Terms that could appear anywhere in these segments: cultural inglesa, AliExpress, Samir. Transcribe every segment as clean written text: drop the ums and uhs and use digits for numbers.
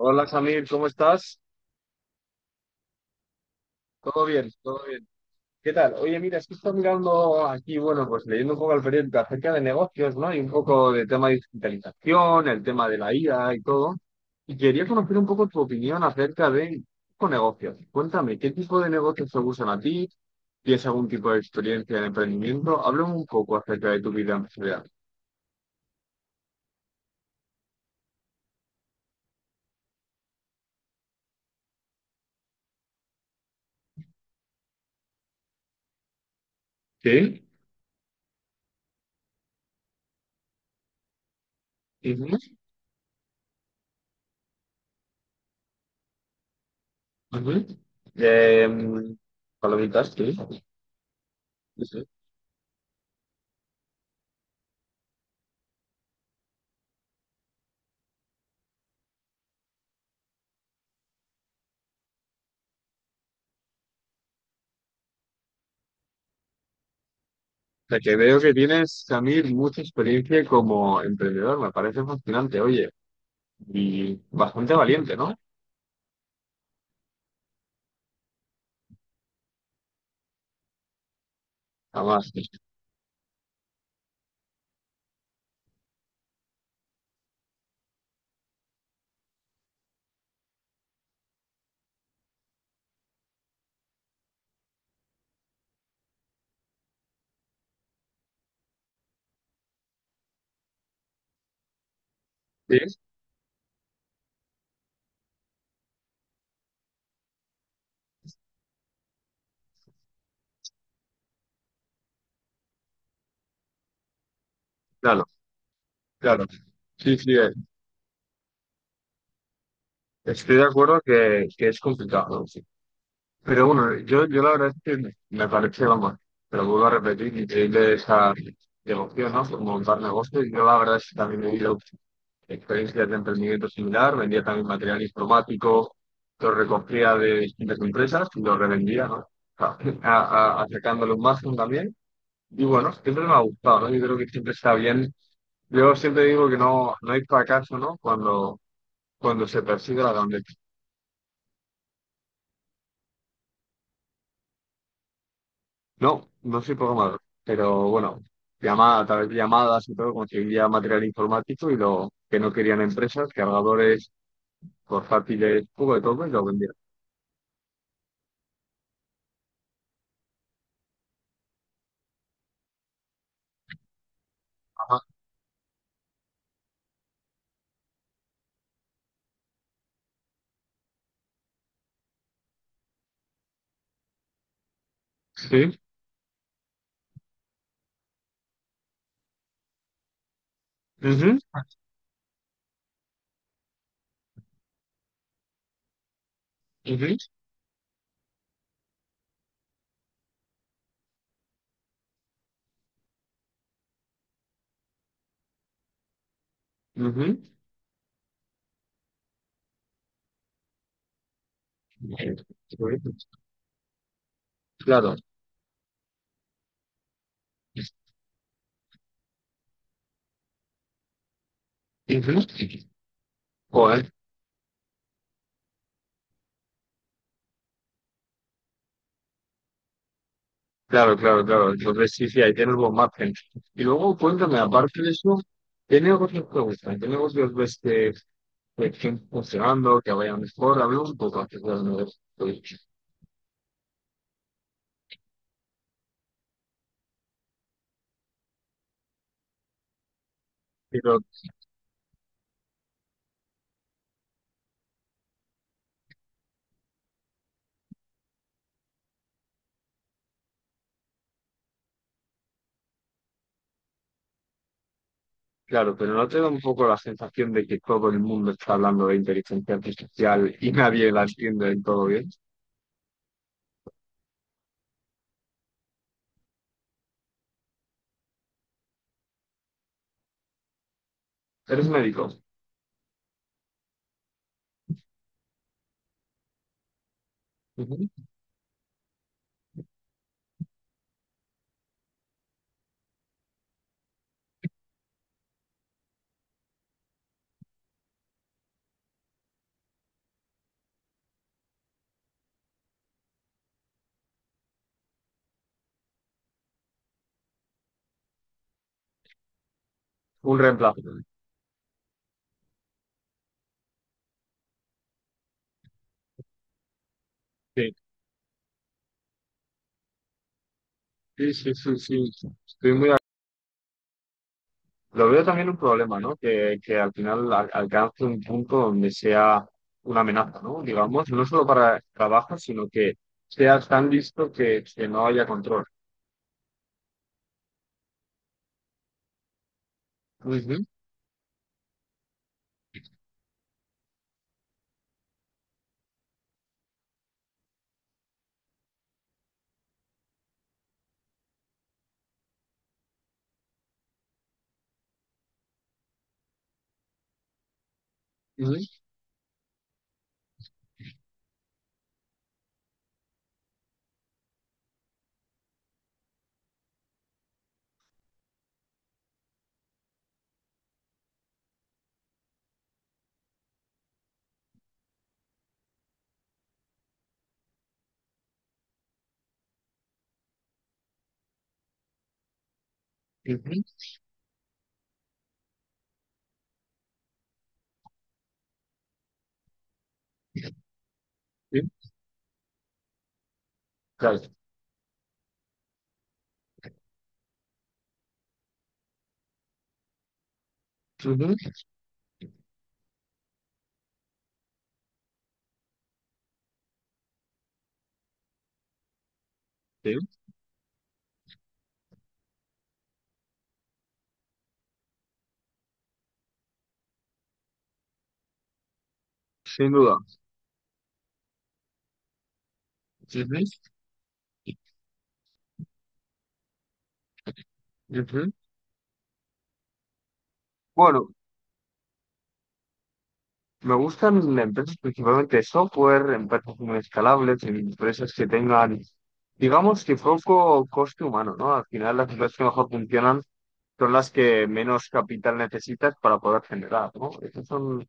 Hola Samir, ¿cómo estás? Todo bien, todo bien. ¿Qué tal? Oye, mira, es que estoy mirando aquí, bueno, pues leyendo un poco al periódico acerca de negocios, ¿no? Y un poco del tema de digitalización, el tema de la IA y todo. Y quería conocer un poco tu opinión acerca de con negocios. Cuéntame, ¿qué tipo de negocios te gustan a ti? ¿Tienes algún tipo de experiencia en emprendimiento? Háblame un poco acerca de tu vida empresarial. ¿Sí? Ujú, ujú. Em, palomitas, sí. Sea, que veo que tienes, Samir, mucha experiencia como emprendedor, me parece fascinante, oye, y bastante valiente, ¿no? Además, sí, claro, claro, sí, sí, estoy de acuerdo que es complicado, ¿no? Sí. Pero bueno, yo la verdad es que me parece, vamos, pero vuelvo a repetir, increíble esa devoción, ¿no? Por montar negocios, yo la verdad es que también he ido experiencias de emprendimiento similar, vendía también material informático, lo recogía de distintas empresas y lo revendía, ¿no? A- a- acercándole un margen también. Y bueno, siempre me ha gustado, ¿no? Yo creo que siempre está bien. Yo siempre digo que no, no hay fracaso, ¿no? Cuando se persigue la grandeza. No, no soy programador, pero bueno, llamada, a través de llamadas y todo, conseguía material informático y lo que no querían empresas, cargadores, portátiles, poco de todo y lo vendía. Ajá. Sí. Ujú. Ujú, ujú. Claro. Ujú. Joder, claro, claro, claro. Entonces sí, sí, ahí tienes buen margen. Y luego cuéntame, aparte de eso, ¿qué negocios te gustan? ¿Qué negocios ves que estén funcionando, que vayan mejor? Hablemos un poco acerca de los negocios. Pero, claro, pero ¿no te da un poco la sensación de que todo el mundo está hablando de inteligencia artificial y nadie la entiende del todo bien? ¿Eres médico? Ujú. Un reemplazo. Sí, sí, sí, sí, sí. Estoy muy. Lo veo también un problema, ¿no? Que al final alcance un punto donde sea una amenaza, ¿no? Digamos, no solo para trabajo, sino que sea tan visto que no haya control. Ujú, ujú, ujú, sí, claro. Ujú, sí, sin duda. Ujú, ujú. Bueno, me gustan las empresas principalmente de software, empresas muy escalables, empresas que tengan, digamos que poco coste humano, ¿no? Al final las empresas que mejor funcionan son las que menos capital necesitas para poder generar, ¿no? Esas son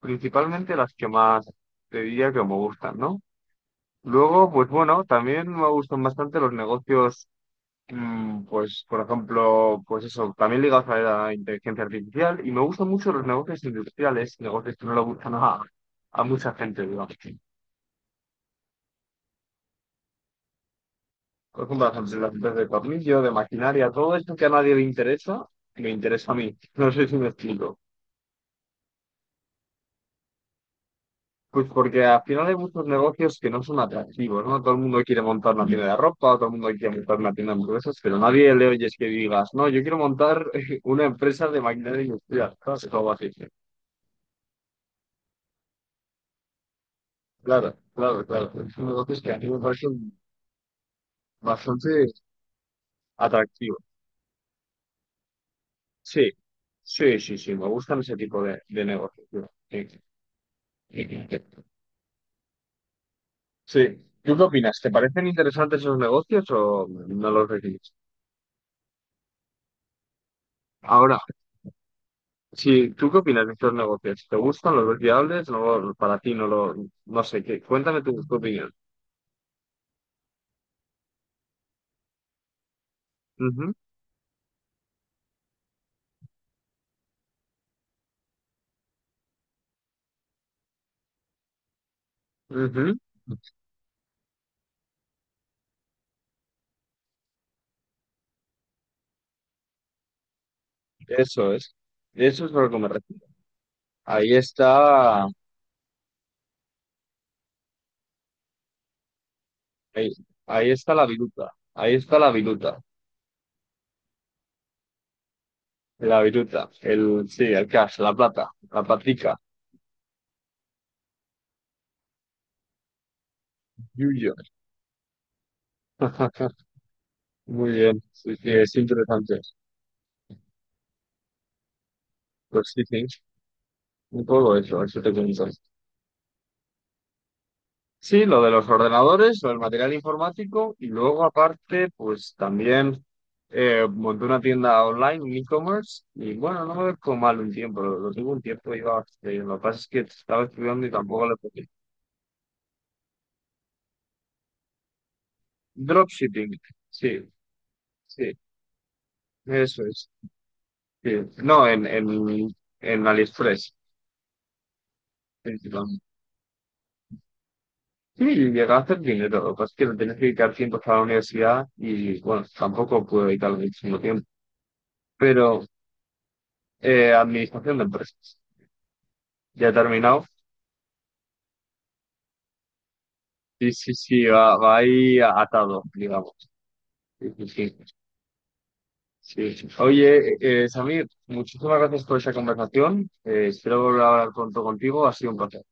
principalmente las que más te diría que me gustan, ¿no? Luego, pues bueno, también me gustan bastante los negocios. Pues, por ejemplo, pues eso, también ligados a la inteligencia artificial y me gustan mucho los negocios industriales, negocios que no le gustan a mucha gente, digamos. Por ejemplo, las empresas de tornillo, de maquinaria, todo esto que a nadie le interesa, me interesa a mí. No sé si me explico. Pues porque al final hay muchos negocios que no son atractivos, ¿no? Todo el mundo quiere montar una tienda de ropa, todo el mundo quiere montar una tienda de hamburguesas, pero nadie le oyes que digas, no, yo quiero montar una empresa de maquinaria industrial, ¿sabes? O algo así. Claro, claro, claro. Es un negocio que a mí me parece bastante atractivo. Sí, sí, sí, sí. Me gustan ese tipo de negocios, tío. Sí. Sí. ¿Tú qué opinas? ¿Te parecen interesantes esos negocios o no los ves? Ahora, si tú qué opinas de estos negocios, ¿te gustan? ¿Los ves viables? No, para ti no lo, no sé qué. Cuéntame tu opinión. Ujú, ujú. Eso es. Eso es a lo que me refiero. Ahí está, ahí, ahí está la viruta. Ahí está la viruta. La viruta, el, sí, el cash, la plata, la patica, yuyo. Muy bien, sí, sí, es interesante. Pues sí, sí, un poco eso, eso te cuento. Sí, lo de los ordenadores, lo del material informático y luego aparte, pues también monté una tienda online, un e-commerce y bueno, no me ve como mal un tiempo, lo tuve un tiempo y iba bastante bien. Lo que pasa es que estaba estudiando y tampoco le podía. Dropshipping, sí, sí, eso es. Sí. No, en AliExpress. Principalmente. Sí, y gastaste el dinero. Lo que pasa es que lo tienes que dedicar tiempo para la universidad y, bueno, tampoco pude dedicarle muchísimo tiempo. Pero administración de empresas. Ya he terminado. Sí, sí, sí, va, va ahí atado, digamos. Sí, sí, sí. Sí. Oye, Samir, muchísimas gracias por esa conversación. Espero volver a hablar pronto contigo. Ha sido un placer.